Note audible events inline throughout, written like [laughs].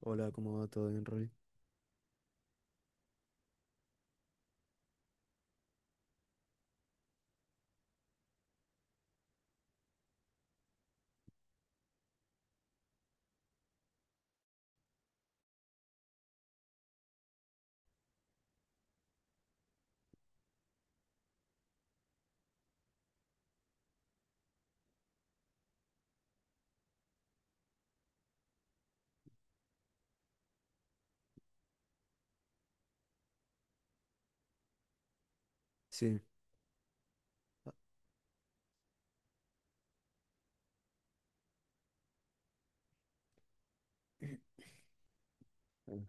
Hola, ¿cómo va todo bien, Rory? Sí, eh,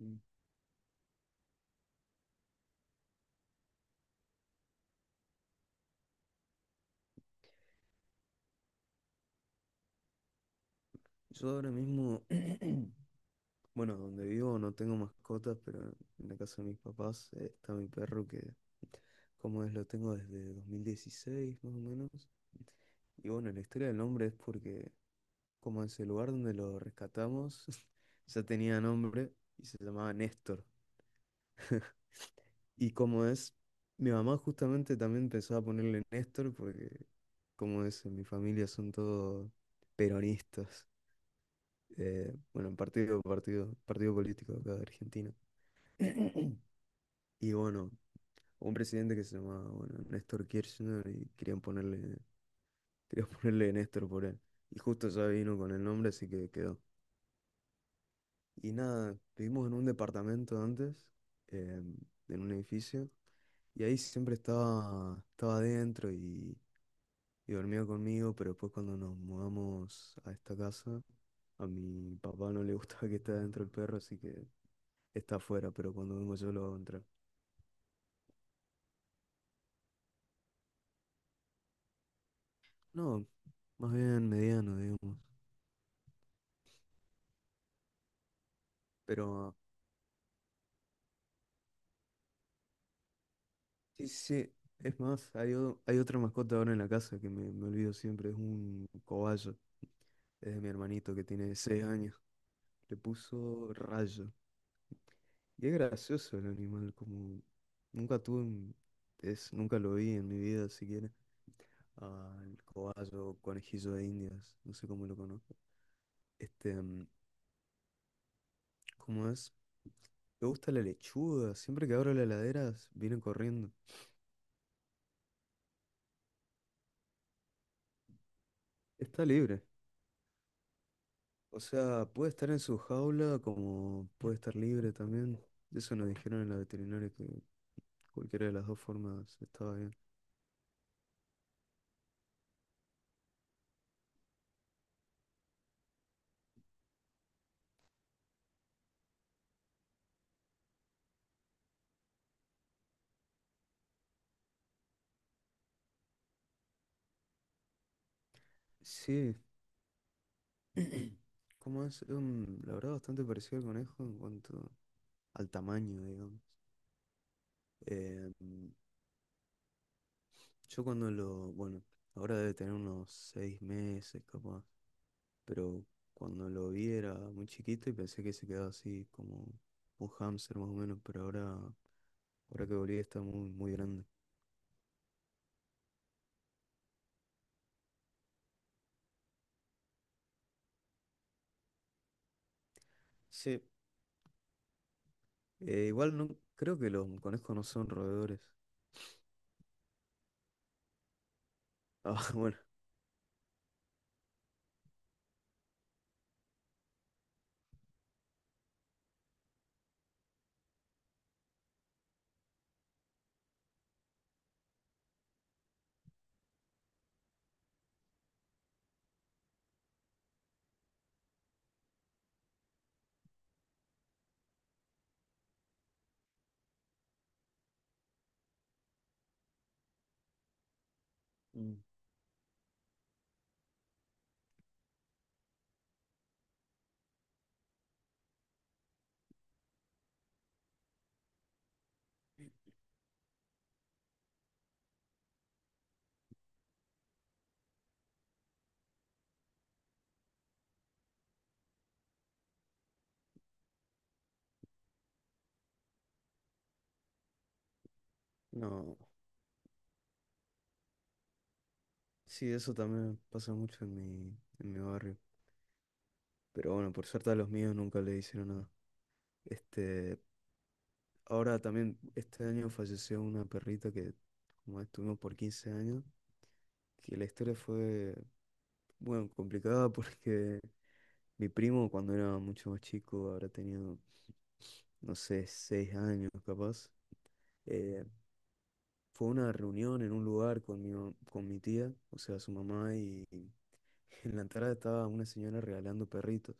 mm, yo ahora mismo, [clears throat] bueno, donde vivo no tengo mascotas, pero en la casa de mis papás está mi perro que, como es, lo tengo desde 2016 más o menos. Y bueno, la historia del nombre es porque, como es el lugar donde lo rescatamos, [laughs] ya tenía nombre y se llamaba Néstor. Y como es, mi mamá justamente también empezó a ponerle Néstor porque, como es, en mi familia son todos peronistas. Bueno, partido político acá de Argentina. [coughs] [clears throat] Y bueno, un presidente que se llamaba, bueno, Néstor Kirchner y querían [laughs] ponerle Néstor por él. Y justo ya vino con el nombre, así que quedó. Y nada, vivimos en un departamento antes, eh, en un edificio, y ahí siempre estaba adentro y dormía conmigo, pero después cuando nos mudamos a esta casa, a mi papá no le gustaba que esté adentro el perro, así que está afuera, pero cuando vengo yo lo hago entrar. No, más bien mediano, digamos. Pero sí, sí, es más, hay otra mascota ahora en la casa que me olvido siempre, es un cobayo. Es de mi hermanito que tiene 6 años. Le puso Rayo. Y es gracioso el animal, como nunca tuve un- es, nunca lo vi en mi vida siquiera. Al cobayo, conejillo de Indias, no sé cómo lo conozco. Este, ¿cómo es? Me gusta la lechuga. Siempre que abro la heladera vienen corriendo. Está libre. O sea, puede estar en su jaula como puede estar libre también. Eso nos dijeron en la veterinaria que cualquiera de las dos formas estaba bien. Sí, [clears throat] como es, la verdad bastante parecido al conejo en cuanto al tamaño, digamos. Eh, yo cuando lo, bueno, ahora debe tener unos 6 meses capaz, pero cuando lo vi era muy chiquito y pensé que se quedaba así como un hámster más o menos, pero ahora que volví está muy, muy grande. Sí, igual no creo que los conejos no son roedores. Ah, [laughs] bueno. Mm. No. Sí, eso también pasa mucho en en mi barrio. Pero bueno, por suerte a los míos nunca le hicieron nada. Este, ahora también, este año falleció una perrita que como estuvimos por 15 años, que la historia fue, bueno, complicada [laughs] porque mi primo cuando era mucho más chico, habrá tenido, no sé, 6 años capaz. eh, Fue una reunión en un lugar con con mi tía, o sea, su mamá, y [laughs] en la entrada estaba una señora regalando perritos.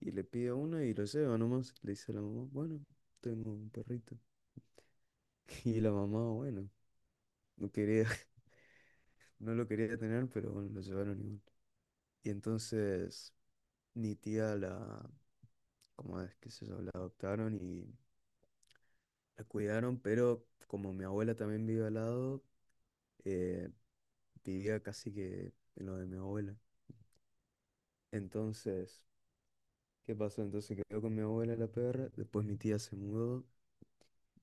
Y le pido uno y lo lleva nomás. Le dice a la mamá, bueno, tengo un perrito. [laughs] Y la mamá, bueno, no quería, [laughs] no lo quería tener, pero bueno, lo llevaron igual. Y entonces mi tía la, como es que se llama? La adoptaron y la cuidaron, pero como mi abuela también vive al lado, eh, vivía casi que en lo de mi abuela. Entonces, ¿qué pasó? Entonces quedó con mi abuela la perra, después mi tía se mudó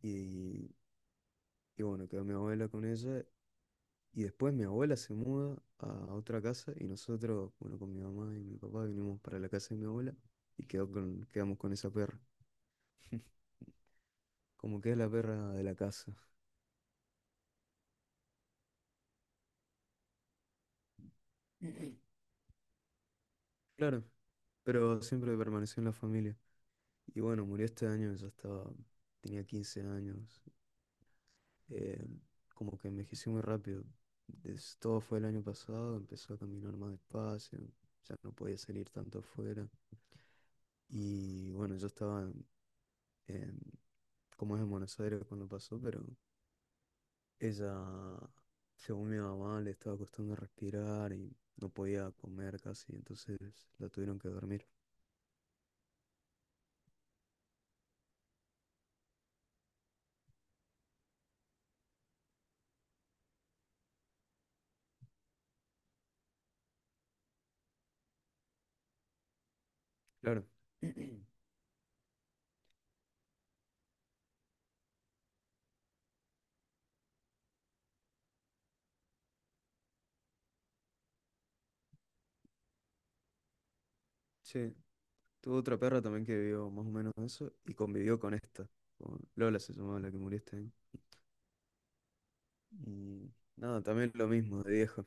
y, y bueno, quedó mi abuela con ella y después mi abuela se muda a otra casa y nosotros, bueno, con mi mamá y mi papá vinimos para la casa de mi abuela y quedamos con esa perra, [laughs] como que es la perra de la casa. [laughs] Claro, pero siempre permaneció en la familia. Y bueno, murió este año, ya estaba, tenía 15 años, eh, como que envejecí muy rápido. Todo fue el año pasado, empezó a caminar más despacio, ya no podía salir tanto afuera. Y bueno, yo estaba en- como es en Buenos Aires cuando pasó, pero ella, según mi mamá, le estaba costando respirar y no podía comer casi, entonces la tuvieron que dormir. Claro. [clears throat] Sí, tuve otra perra también que vivió más o menos eso y convivió con esta. Con Lola se llamaba la que murió este año. Y no, también lo mismo de viejo.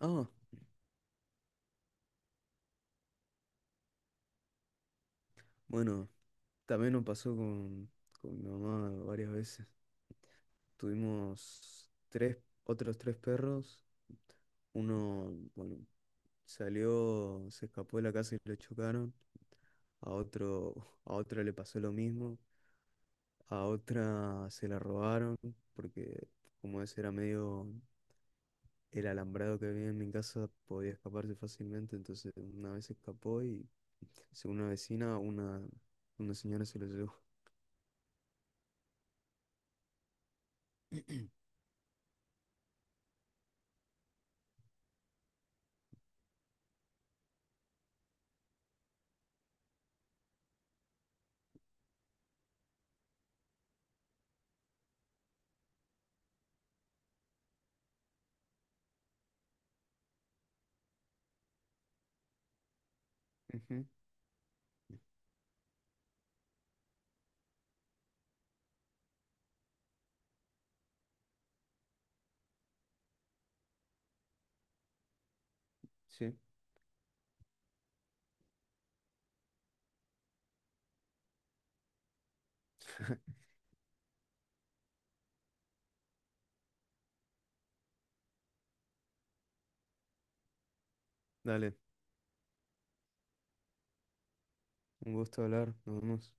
Ah, bueno, también nos pasó con mi mamá varias veces. Tuvimos otros tres perros. Uno, bueno, salió, se escapó de la casa y lo chocaron. A otro, [laughs] a otra le pasó lo mismo. A otra se la robaron porque como ese era medio el alambrado que había en mi casa podía escaparse fácilmente, entonces una vez se escapó y según una vecina, una señora se lo llevó. Ujú, sí, dale, un gusto hablar, nos vemos.